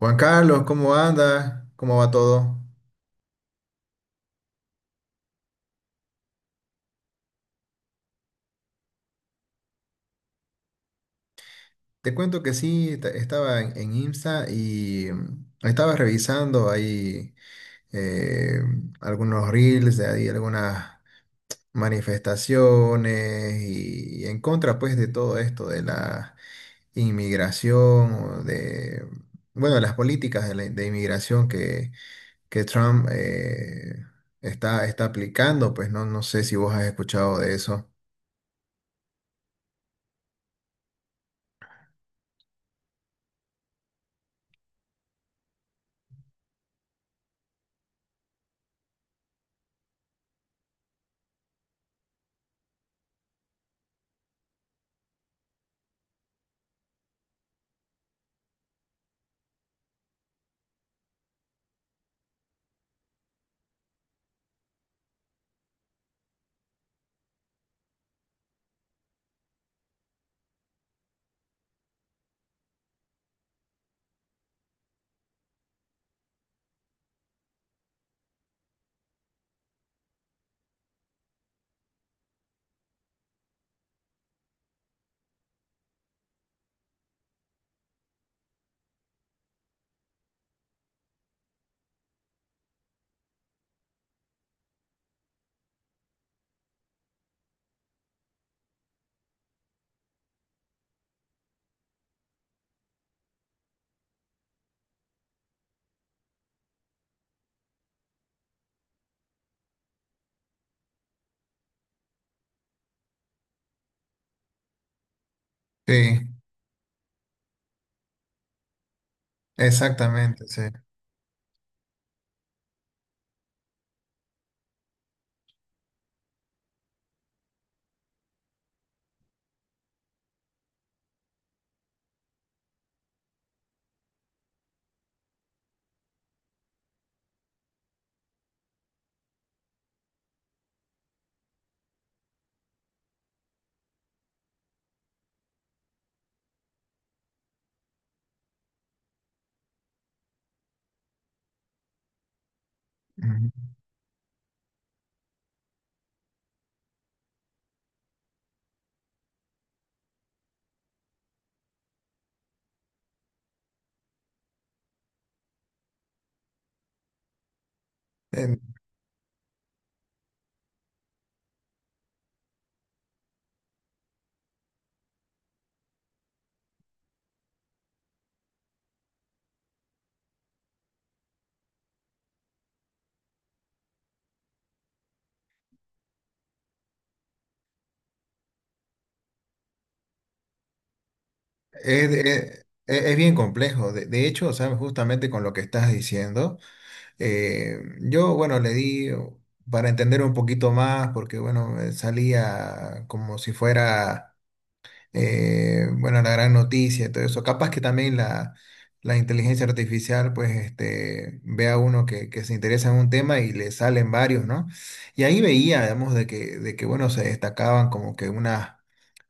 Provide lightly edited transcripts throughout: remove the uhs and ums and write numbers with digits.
Juan Carlos, ¿cómo anda? ¿Cómo va todo? Te cuento que sí, estaba en Insta y estaba revisando ahí eh, algunos reels de ahí, algunas manifestaciones y en contra pues de todo esto de la inmigración, o de las políticas de de inmigración que Trump está aplicando, pues no sé si vos has escuchado de eso. Sí, exactamente, sí. Ujú. Eh, Es, es bien complejo. De hecho, ¿sabes? Justamente con lo que estás diciendo, yo, bueno, le di para entender un poquito más, porque, bueno, salía como si fuera. Bueno, la gran noticia y todo eso. Capaz que también la inteligencia artificial, pues, este, ve a uno que se interesa en un tema y le salen varios, ¿no? Y ahí veía, digamos, de que bueno, se destacaban como que unas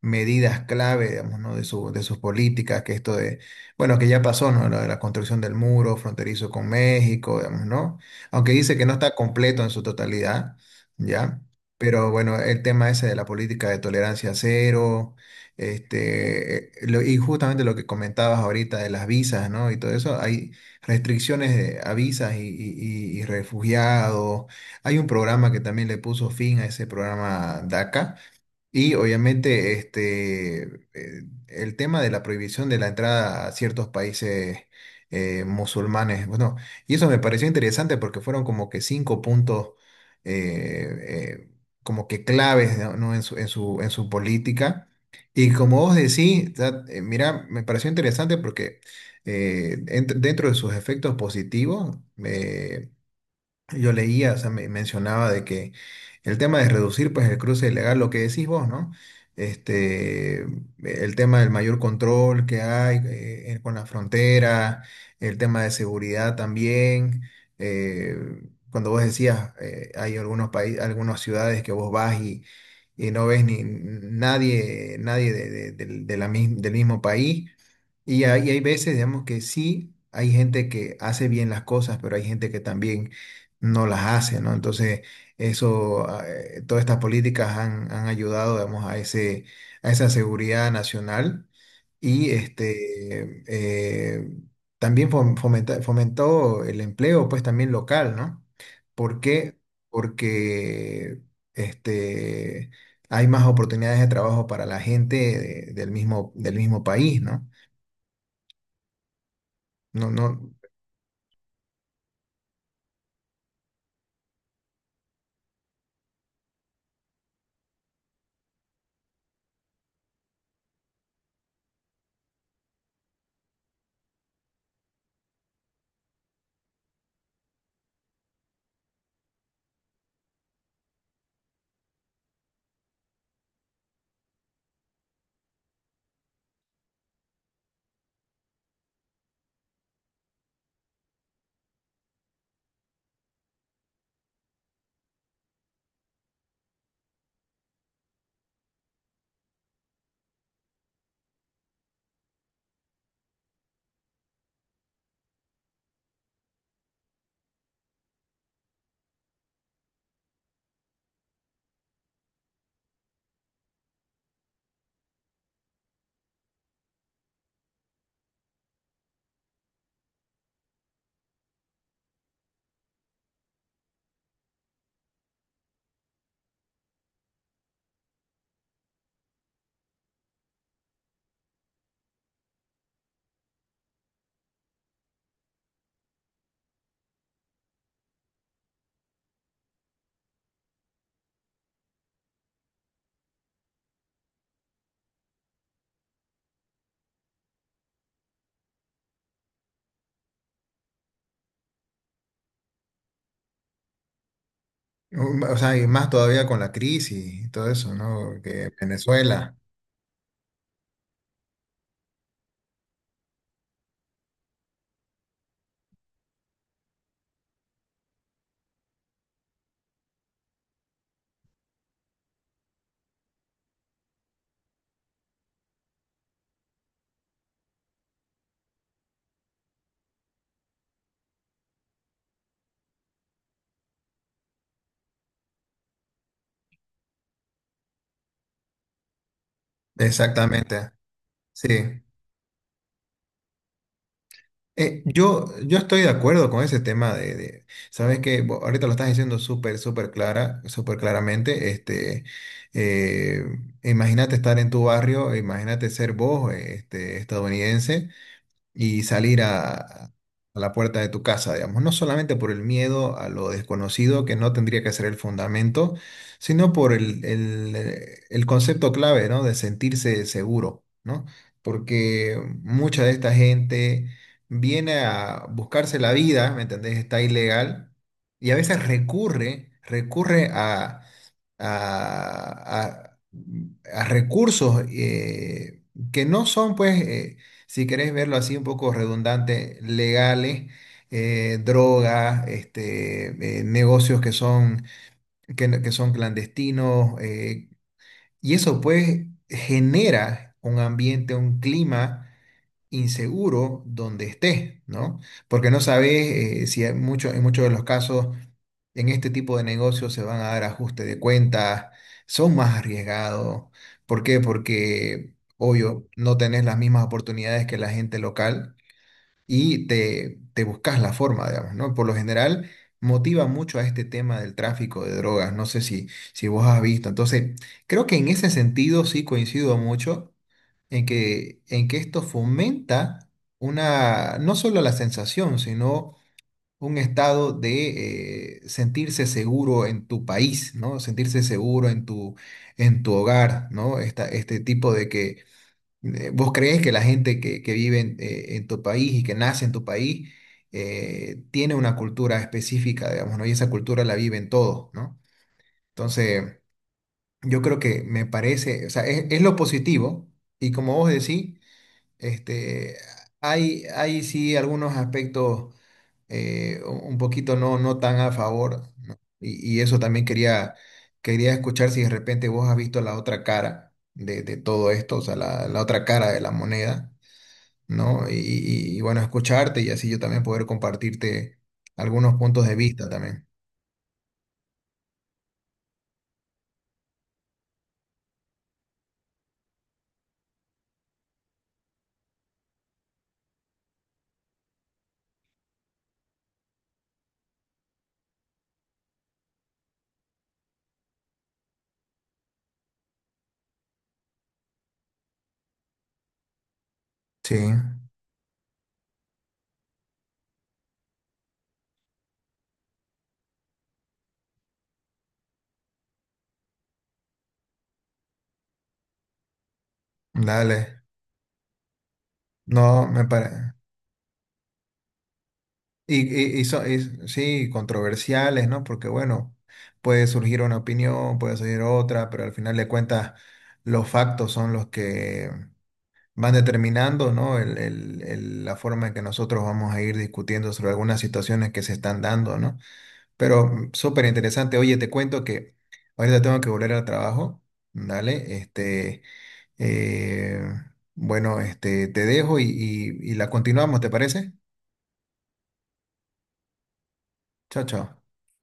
medidas clave, digamos, ¿no? De sus políticas, que esto de, bueno, que ya pasó, ¿no? Lo de la construcción del muro fronterizo con México, digamos, ¿no? Aunque dice que no está completo en su totalidad, ¿ya? Pero bueno, el tema ese de la política de tolerancia cero, este, y justamente lo que comentabas ahorita de las visas, ¿no? Y todo eso, hay restricciones a visas y refugiados. Hay un programa que también le puso fin a ese programa DACA y obviamente este, el tema de la prohibición de la entrada a ciertos países musulmanes. Bueno, y eso me pareció interesante porque fueron como que cinco puntos eh, eh, como que claves, ¿no? En en su política. Y como vos decís, mira, me pareció interesante porque dentro de sus efectos positivos, eh, yo leía, o sea, me mencionaba de que el tema de reducir pues el cruce ilegal, lo que decís vos, ¿no? Este, el tema del mayor control que hay con la frontera, el tema de seguridad también. eh, Cuando vos decías, hay algunos países, algunas ciudades que vos vas y no ves ni nadie, nadie de- de- del de del mismo país. Y hay veces, digamos, que sí, hay gente que hace bien las cosas, pero hay gente que también no las hace, ¿no? Entonces, eso, todas estas políticas han ayudado, digamos, a ese, a esa seguridad nacional y este, también fomentó el empleo, pues también local, ¿no? ¿Por qué? Porque este, hay más oportunidades de trabajo para la gente del mismo país, ¿no? No, no, no, o sea, y más todavía con la crisis y todo eso, ¿no? Que Venezuela, exactamente, sí. Yo estoy de acuerdo con ese tema sabes que ahorita lo estás diciendo súper, súper clara, súper claramente, este, eh, imagínate estar en tu barrio, imagínate ser vos, este, estadounidense y salir a la puerta de tu casa, digamos, no solamente por el miedo a lo desconocido, que no tendría que ser el fundamento, sino por el concepto clave, ¿no? De sentirse seguro, ¿no? Porque mucha de esta gente viene a buscarse la vida, ¿me entendés? Está ilegal y a veces recurre a a, a- mm, a recursos que no son, pues, si querés verlo así un poco redundante, legales, drogas, este, negocios que son, que, no- que son clandestinos, y eso pues genera un ambiente, un clima inseguro donde estés, ¿no? Porque no sabes si hay mucho, en muchos de los casos en este tipo de negocios se van a dar ajustes de cuentas, son más arriesgados. ¿Por qué? Porque, obvio, no tenés las mismas oportunidades que la gente local y te buscas la forma, digamos, ¿no? Por lo general, motiva mucho a este tema del tráfico de drogas. No sé si, si vos has visto. Entonces, creo que en ese sentido sí coincido mucho en en que esto fomenta una, no solo la sensación, sino un estado de sentirse seguro en tu país, ¿no? Sentirse seguro en en tu hogar, ¿no? Este tipo de que vos crees que la gente que vive en tu país y que nace en tu país tiene una cultura específica, digamos, ¿no? Y esa cultura la viven todos, ¿no? Entonces, yo creo que me parece, o sea, es lo positivo. Y como vos decís, este, hay sí algunos aspectos un poquito no, no tan a favor, ¿no? Y eso también quería escuchar si de repente vos has visto la otra cara de todo esto, o sea, la otra cara de la moneda, ¿no? Y bueno, escucharte y así yo también poder compartirte algunos puntos de vista también. Sí, dale. No, me parece. Y, sí, controversiales, ¿no? Porque bueno, puede surgir una opinión, puede surgir otra, pero al final de cuentas los factos son los que van determinando, ¿no? La forma en que nosotros vamos a ir discutiendo sobre algunas situaciones que se están dando, ¿no? Pero súper interesante. Oye, te cuento que ahorita tengo que volver al trabajo, ¿dale? Este, eh, bueno, este, te dejo y la continuamos, ¿te parece? Chao, chao.